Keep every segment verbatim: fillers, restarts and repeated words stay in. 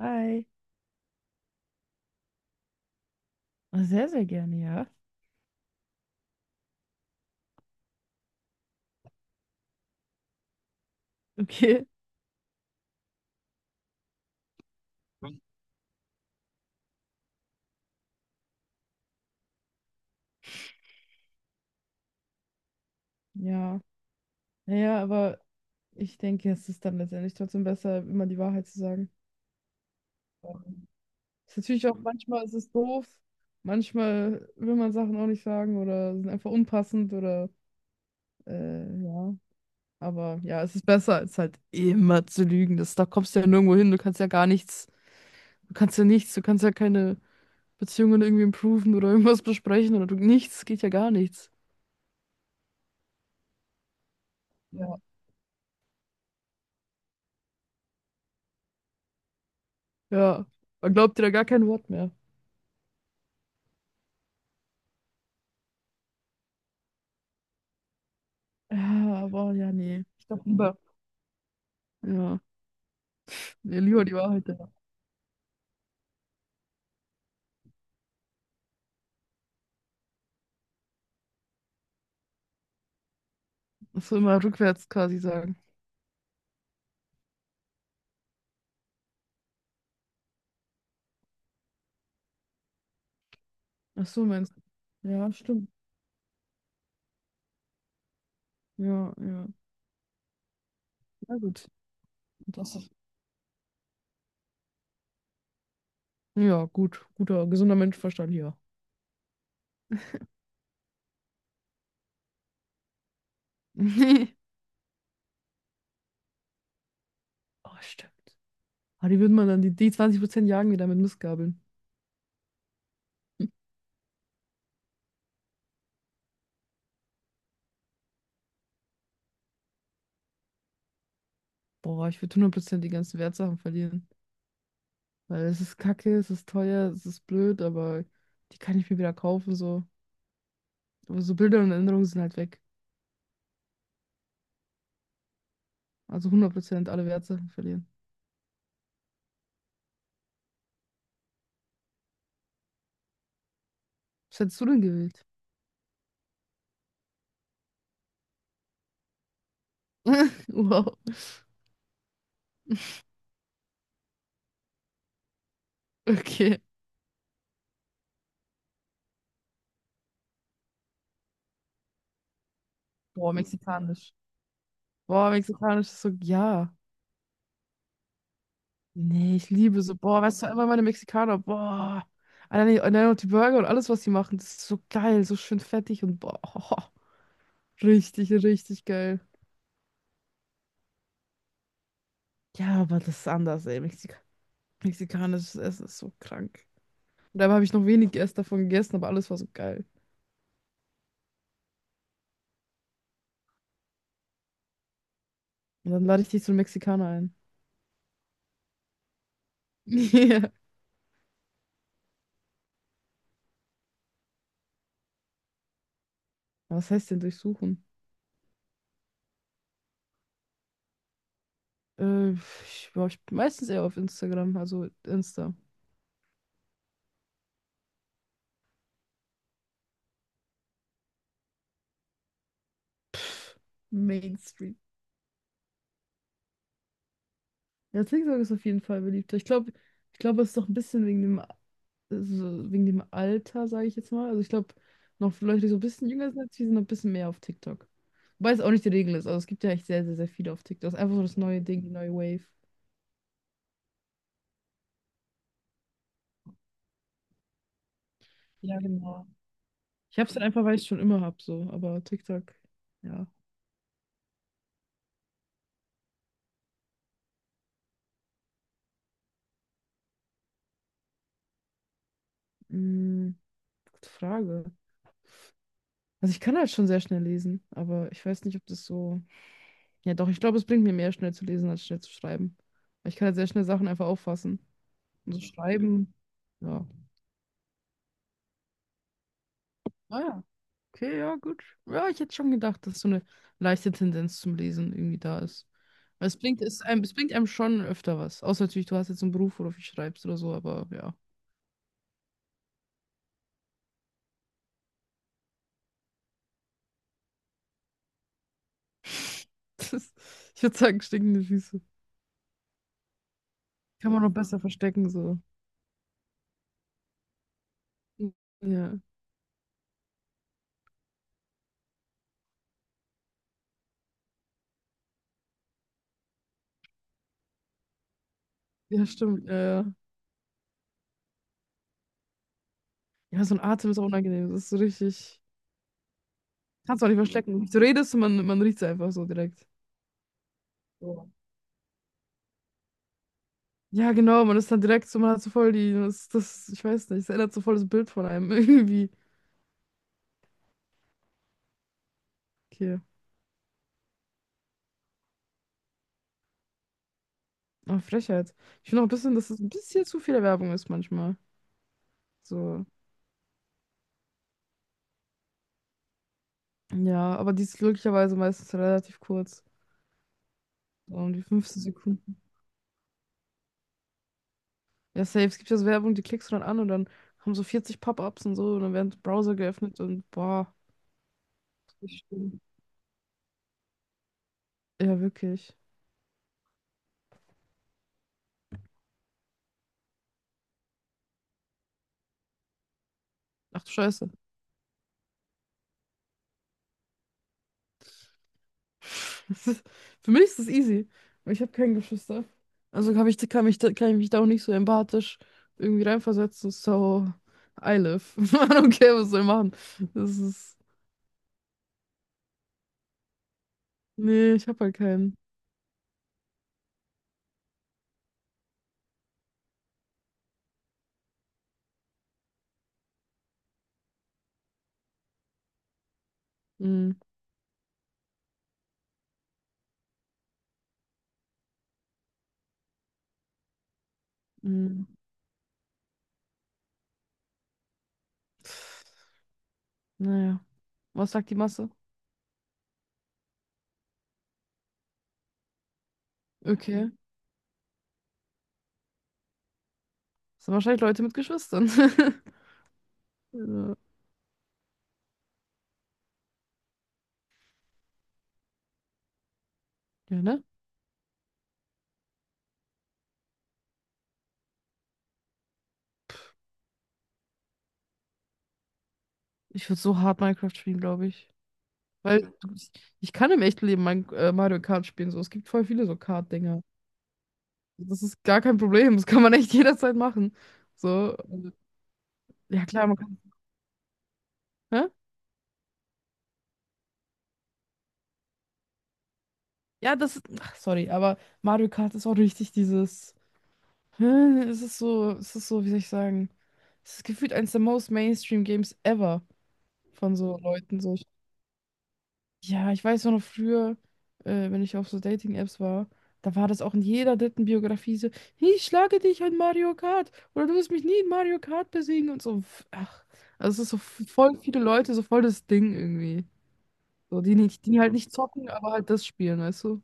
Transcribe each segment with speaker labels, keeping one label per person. Speaker 1: Hi. Ah, Sehr, sehr gerne, ja. Okay. Ja. Naja, aber ich denke, es ist dann letztendlich trotzdem besser, immer die Wahrheit zu sagen. Ist natürlich auch manchmal ist es doof. Manchmal will man Sachen auch nicht sagen oder sind einfach unpassend oder äh, ja. Aber ja, es ist besser, als halt immer zu lügen. Das, da kommst du ja nirgendwo hin. Du kannst ja gar nichts. Du kannst ja nichts. Du kannst ja keine Beziehungen irgendwie improven oder irgendwas besprechen oder du, nichts. Geht ja gar nichts. Ja. Ja. Man glaubt dir da gar kein Wort mehr. Ja, aber ja, nee. Ich glaube Mhm. lieber. Ja. Nee, lieber die Wahrheit. Ja. Das soll immer rückwärts quasi sagen. Ach so, meinst du? Ja, stimmt. Ja, ja. Ja, gut. Interessant. Ja, gut. Guter, gesunder Menschenverstand hier. Oh, stimmt. Aber die würden man dann, die, die zwanzig Prozent jagen wieder mit Mistgabeln. Boah, ich würde hundert Prozent die ganzen Wertsachen verlieren. Weil es ist kacke, es ist teuer, es ist blöd, aber die kann ich mir wieder kaufen, so. Aber so Bilder und Erinnerungen sind halt weg. Also hundert Prozent alle Wertsachen verlieren. Was hättest du denn gewählt? Wow, okay. Boah, mexikanisch. Boah, mexikanisch ist so, ja. Nee, ich liebe so, boah, weißt du, einfach meine Mexikaner, boah. Allein, allein auch die Burger und alles, was sie machen, das ist so geil, so schön fettig und boah, richtig, richtig geil. Ja, aber das ist anders, ey. Mexika Mexikanisches Essen ist so krank. Und dabei habe ich noch wenig erst davon gegessen, aber alles war so geil. Und dann lade ich dich zu einem Mexikaner ein. Ja. Was heißt denn durchsuchen? Äh, ich war ich meistens eher auf Instagram, also Insta. Mainstream. Ja, TikTok ist auf jeden Fall beliebter. Ich glaube, ich glaube, es ist doch ein bisschen wegen dem, also wegen dem Alter, sage ich jetzt mal. Also ich glaube, noch Leute, die so ein bisschen jünger sind als wir, sind noch ein bisschen mehr auf TikTok. Wobei es auch nicht die Regel ist. Also es gibt ja echt sehr, sehr, sehr viele auf TikTok. Es ist einfach so das neue Ding, die neue Wave. Ja, genau. Ich habe es dann einfach, weil ich es schon immer habe, so. Aber TikTok, ja. Mm, gute Frage. Also ich kann halt schon sehr schnell lesen, aber ich weiß nicht, ob das so. Ja, doch, ich glaube, es bringt mir mehr, schnell zu lesen, als schnell zu schreiben. Weil ich kann ja sehr schnell Sachen einfach auffassen. Und so schreiben, ja. Ah ja. Okay, ja, gut. Ja, ich hätte schon gedacht, dass so eine leichte Tendenz zum Lesen irgendwie da ist. Weil es bringt, es einem, es bringt einem schon öfter was. Außer natürlich, du hast jetzt einen Beruf, wo du viel schreibst oder so, aber ja. Das, ich würde sagen, stinkende Füße. Kann man noch besser verstecken, so. Ja, ja, stimmt. Ja, ja. Ja, so ein Atem ist auch unangenehm. Das ist so richtig. Kannst du auch nicht verstecken. Du redest und man, man riecht es einfach so direkt. So. Ja, genau, man ist dann direkt so, man hat so voll die, das, das, ich weiß nicht, es ändert so voll das Bild von einem irgendwie. Okay, aber Frechheit. Ich finde auch ein bisschen, dass es ein bisschen zu viel Werbung ist manchmal. So, ja, aber die ist glücklicherweise meistens relativ kurz. So um die fünfzehn Sekunden. Ja, safe, es gibt ja so Werbung, die klickst du dann an und dann haben so vierzig Pop-ups und so und dann werden Browser geöffnet und boah, das ist schlimm. Ja, wirklich. Ach du Scheiße. Das ist, für mich ist das easy, weil ich habe keine Geschwister. Also kann ich, kann mich, da- kann ich mich da auch nicht so empathisch irgendwie reinversetzen. So, I live. I don't care, was soll ich machen. Das ist. Nee, ich habe halt keinen. Mm, mm. Naja. Was sagt die Masse? Okay. Das sind wahrscheinlich Leute mit Geschwistern. Ja, Ja, ne? Ich würde so hart Minecraft spielen, glaube ich. Weil du- ich kann im echten Leben mein, äh, Mario Kart spielen. So. Es gibt voll viele so Kart-Dinger. Das ist gar kein Problem. Das kann man echt jederzeit machen. So, ja klar, man kann. Hä? Ja, das. Ach, sorry, aber Mario Kart ist auch richtig dieses. Hä? Es ist so, es ist so, wie soll ich sagen? Es ist gefühlt eines der most Mainstream Games ever von so Leuten. So. Ja, ich weiß auch noch früher, äh, wenn ich auf so Dating-Apps war, da war das auch in jeder dritten Biografie so, ich schlage dich in Mario Kart oder du wirst mich nie in Mario Kart besiegen und so. Ach, also es ist so f- voll viele Leute, so voll das Ding irgendwie. So, die nicht, die halt nicht zocken, aber halt das spielen, weißt du?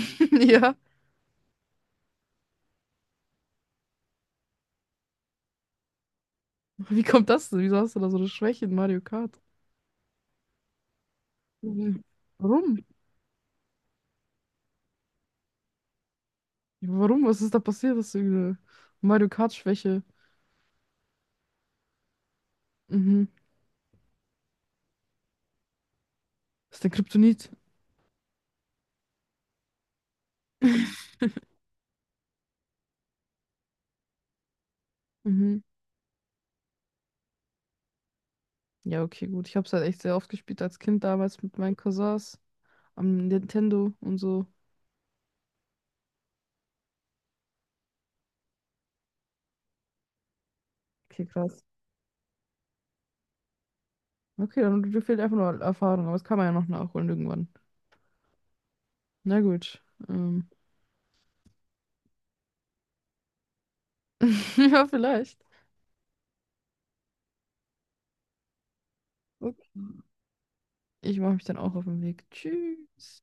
Speaker 1: Ja. Wie kommt das denn? Wieso hast du da so eine Schwäche in Mario Kart? Mhm. Warum? Warum? Was ist da passiert? Hast du eine Mario Kart-Schwäche? Mhm. Das ist der Kryptonit. Mhm. Ja, okay, gut. Ich habe es halt echt sehr oft gespielt als Kind damals mit meinen Cousins am Nintendo und so. Okay, krass. Okay, dann dir fehlt einfach nur Erfahrung, aber das kann man ja noch nachholen irgendwann. Na gut. Ähm. Ja, vielleicht. Okay. Ich mache mich dann auch auf den Weg. Tschüss.